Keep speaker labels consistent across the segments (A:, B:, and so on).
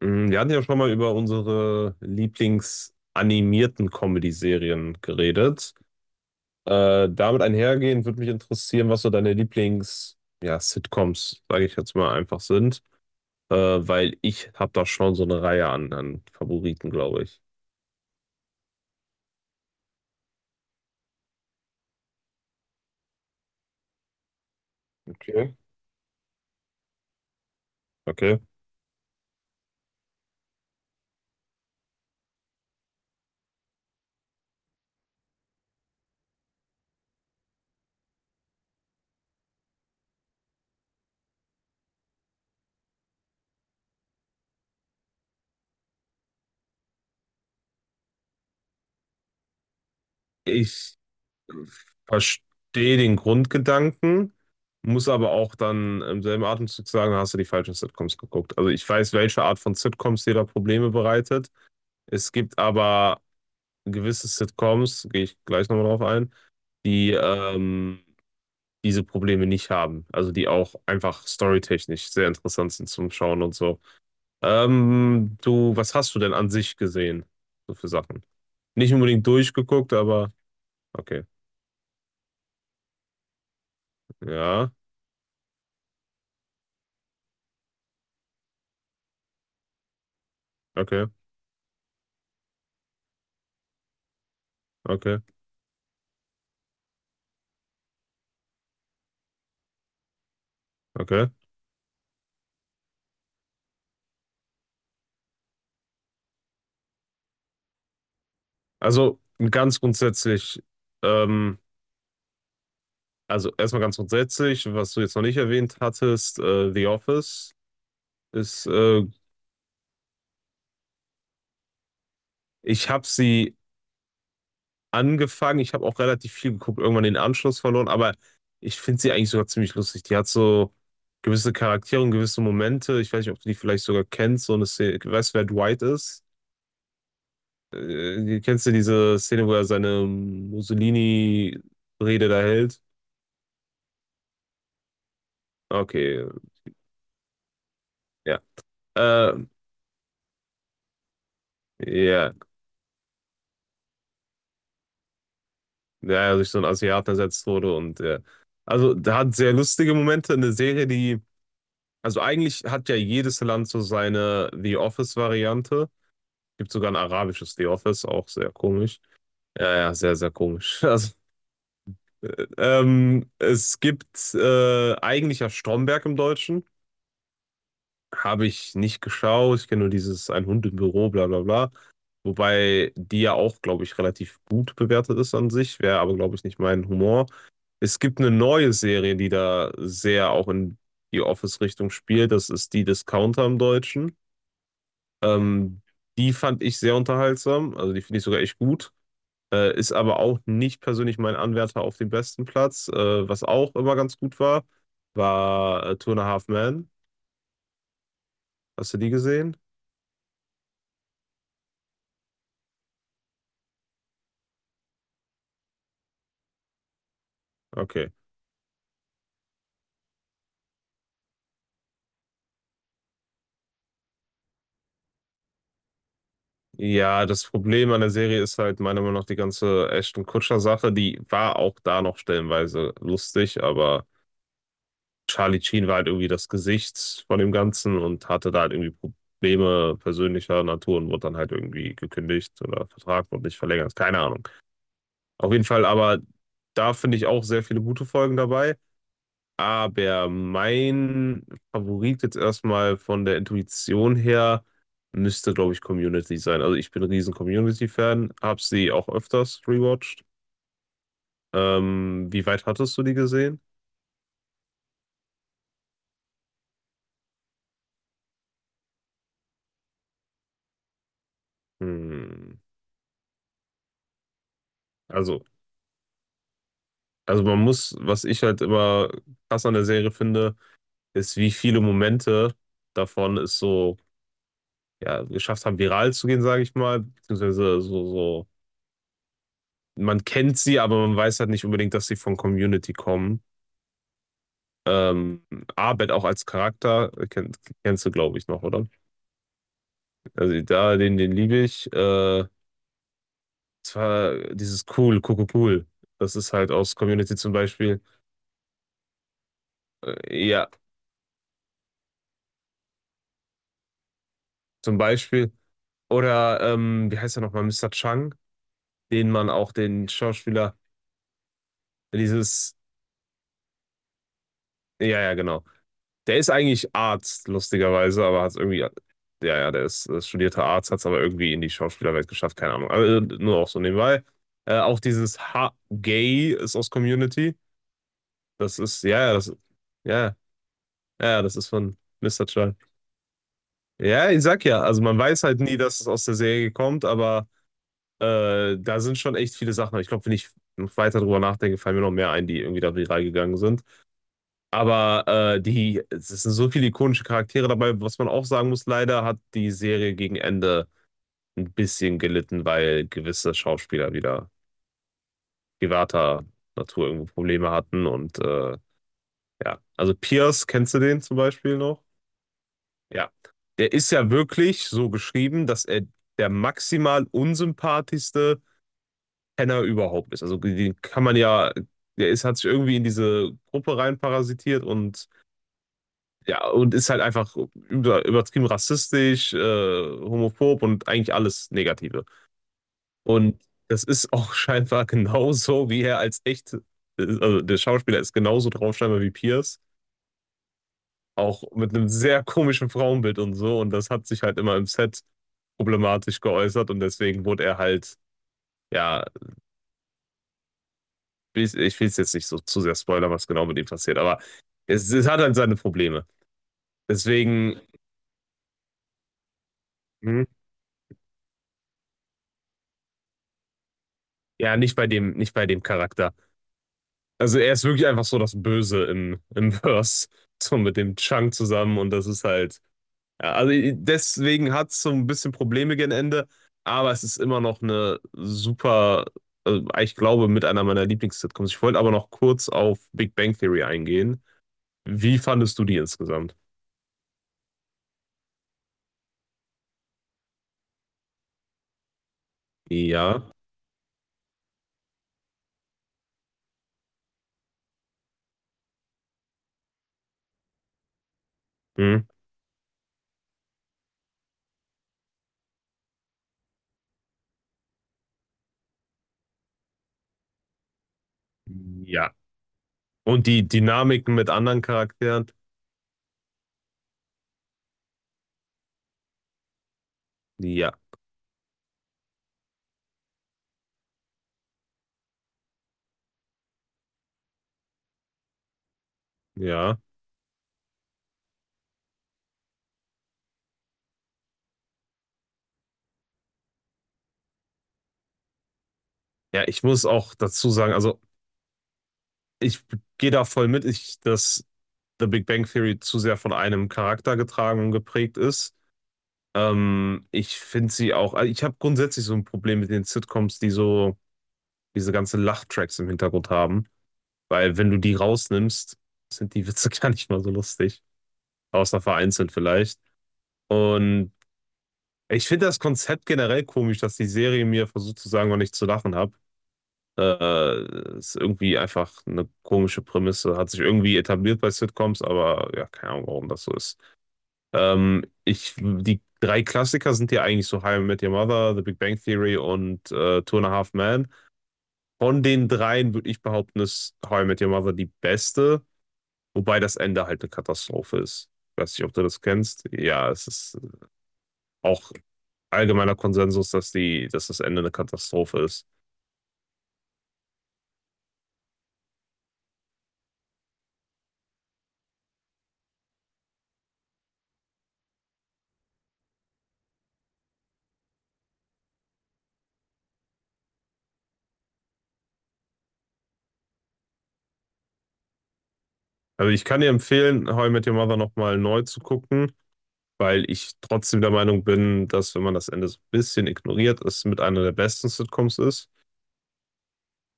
A: Wir hatten ja schon mal über unsere Lieblingsanimierten Comedy-Serien geredet. Damit einhergehend würde mich interessieren, was so deine Lieblings, ja, Sitcoms, sage ich jetzt mal, einfach sind. Weil ich habe da schon so eine Reihe an Favoriten, glaube ich. Okay. Okay. Ich verstehe den Grundgedanken, muss aber auch dann im selben Atemzug sagen, da hast du die falschen Sitcoms geguckt. Also ich weiß, welche Art von Sitcoms dir da Probleme bereitet. Es gibt aber gewisse Sitcoms, gehe ich gleich nochmal drauf ein, die diese Probleme nicht haben. Also die auch einfach storytechnisch sehr interessant sind zum Schauen und so. Du, was hast du denn an sich gesehen? So für Sachen. Nicht unbedingt durchgeguckt, aber okay. Ja, okay, okay, okay. Also ganz grundsätzlich, ähm, also erstmal ganz grundsätzlich, was du jetzt noch nicht erwähnt hattest, The Office ist, ich habe sie angefangen. Ich habe auch relativ viel geguckt, irgendwann den Anschluss verloren, aber ich finde sie eigentlich sogar ziemlich lustig. Die hat so gewisse Charaktere und gewisse Momente. Ich weiß nicht, ob du die vielleicht sogar kennst. So eine Szene, ich weiß, wer Dwight ist. Kennst du diese Szene, wo er seine Mussolini-Rede da hält? Okay, ja. Äh, ja, der ja durch so einen Asiaten ersetzt wurde und ja. Also, da hat sehr lustige Momente. Eine Serie, die, also eigentlich hat ja jedes Land so seine The Office-Variante. Gibt sogar ein arabisches The Office, auch sehr komisch. Ja, ja, sehr, sehr komisch. Also, es gibt eigentlich ja Stromberg im Deutschen. Habe ich nicht geschaut. Ich kenne nur dieses Ein Hund im Büro, bla bla bla. Wobei die ja auch, glaube ich, relativ gut bewertet ist an sich. Wäre aber, glaube ich, nicht mein Humor. Es gibt eine neue Serie, die da sehr auch in die Office-Richtung spielt. Das ist die Discounter im Deutschen. Ähm, Die fand ich sehr unterhaltsam. Also die finde ich sogar echt gut. Ist aber auch nicht persönlich mein Anwärter auf den besten Platz. Was auch immer ganz gut war, war Two and a Half Men. Hast du die gesehen? Okay. Ja, das Problem an der Serie ist halt meiner Meinung nach die ganze Ashton Kutscher-Sache. Die war auch da noch stellenweise lustig, aber Charlie Sheen war halt irgendwie das Gesicht von dem Ganzen und hatte da halt irgendwie Probleme persönlicher Natur und wurde dann halt irgendwie gekündigt oder Vertrag wurde nicht verlängert. Keine Ahnung. Auf jeden Fall aber da finde ich auch sehr viele gute Folgen dabei. Aber mein Favorit jetzt erstmal von der Intuition her müsste, glaube ich, Community sein. Also ich bin ein riesen Community-Fan, habe sie auch öfters rewatcht. Wie weit hattest du die gesehen? Hm. Also, also man muss, was ich halt immer krass an der Serie finde, ist, wie viele Momente davon es so, ja, geschafft haben, viral zu gehen, sage ich mal, beziehungsweise so, so, man kennt sie, aber man weiß halt nicht unbedingt, dass sie von Community kommen. Ähm, Abed auch als Charakter, kennst du, glaube ich, noch, oder? Also da, den, den liebe ich. Zwar dieses cool, cool, cool, cool. Das ist halt aus Community zum Beispiel. Ja, zum Beispiel. Oder, wie heißt er nochmal, Mister Chang, den man auch den Schauspieler, dieses, ja, ja, genau. Der ist eigentlich Arzt, lustigerweise, aber hat es irgendwie, ja, ja, der ist, studierter Arzt, hat es aber irgendwie in die Schauspielerwelt geschafft, keine Ahnung. Also, nur auch so nebenbei. Auch dieses ha Gay ist aus Community. Das ist, ja, ja, das, ja, ja, Das ist von Mister Child. Ja, ich sag ja, also man weiß halt nie, dass es aus der Serie kommt, aber da sind schon echt viele Sachen. Ich glaube, wenn ich noch weiter drüber nachdenke, fallen mir noch mehr ein, die irgendwie da viral gegangen sind. Aber die, es sind so viele ikonische Charaktere dabei. Was man auch sagen muss, leider hat die Serie gegen Ende ein bisschen gelitten, weil gewisse Schauspieler wieder privater Natur irgendwo Probleme hatten. Und ja, also Pierce, kennst du den zum Beispiel noch? Ja. Der ist ja wirklich so geschrieben, dass er der maximal unsympathischste Penner überhaupt ist. Also den kann man ja, der ist, hat sich irgendwie in diese Gruppe reinparasitiert und ja, und ist halt einfach übertrieben rassistisch, homophob und eigentlich alles Negative. Und das ist auch scheinbar genauso, wie er als echt, also der Schauspieler ist genauso drauf scheinbar wie Pierce, auch mit einem sehr komischen Frauenbild und so. Und das hat sich halt immer im Set problematisch geäußert und deswegen wurde er halt, ja, ich will es jetzt nicht so zu sehr spoilern, was genau mit ihm passiert, aber es hat halt seine Probleme. Deswegen, hm, ja, nicht bei dem, nicht bei dem Charakter. Also er ist wirklich einfach so das Böse im Verse, so mit dem Chunk zusammen und das ist halt, ja, also deswegen hat es so ein bisschen Probleme gegen Ende, aber es ist immer noch eine super, also ich glaube, mit einer meiner Lieblings-Sitcoms. Ich wollte aber noch kurz auf Big Bang Theory eingehen. Wie fandest du die insgesamt? Ja. Hm. Ja. Und die Dynamiken mit anderen Charakteren? Ja. Ja. Ja, ich muss auch dazu sagen, also ich gehe da voll mit. Ich, das The Big Bang Theory zu sehr von einem Charakter getragen und geprägt ist. Ich finde sie auch, also ich habe grundsätzlich so ein Problem mit den Sitcoms, die so diese ganzen Lachtracks im Hintergrund haben, weil wenn du die rausnimmst, sind die Witze gar nicht mal so lustig, außer vereinzelt vielleicht. Und ich finde das Konzept generell komisch, dass die Serie mir versucht zu sagen, wann ich zu lachen habe. Ist irgendwie einfach eine komische Prämisse. Hat sich irgendwie etabliert bei Sitcoms, aber ja, keine Ahnung, warum das so ist. Ich, die drei Klassiker sind ja eigentlich so How I Met Your Mother, The Big Bang Theory und Two and a Half Men. Von den dreien würde ich behaupten, ist How I Met Your Mother die beste, wobei das Ende halt eine Katastrophe ist. Ich weiß nicht, ob du das kennst. Ja, es ist auch allgemeiner Konsensus, dass die, dass das Ende eine Katastrophe ist. Also ich kann dir empfehlen, How I Met Your Mother nochmal neu zu gucken, weil ich trotzdem der Meinung bin, dass wenn man das Ende so ein bisschen ignoriert, es mit einer der besten Sitcoms ist.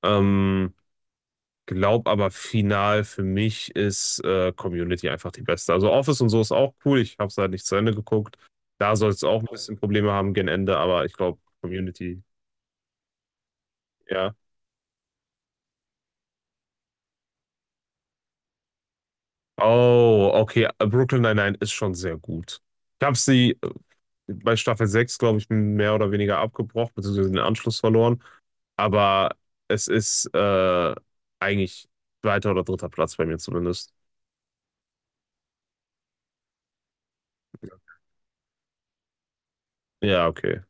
A: Ähm, Glaub aber final für mich ist Community einfach die beste. Also Office und so ist auch cool. Ich habe es halt nicht zu Ende geguckt. Da soll es auch ein bisschen Probleme haben gegen Ende, aber ich glaube Community, ja. Oh, okay. Brooklyn Nine-Nine ist schon sehr gut. Ich habe sie bei Staffel 6 glaube ich, mehr oder weniger abgebrochen, beziehungsweise den Anschluss verloren. Aber es ist eigentlich zweiter oder dritter Platz bei mir zumindest. Ja, okay.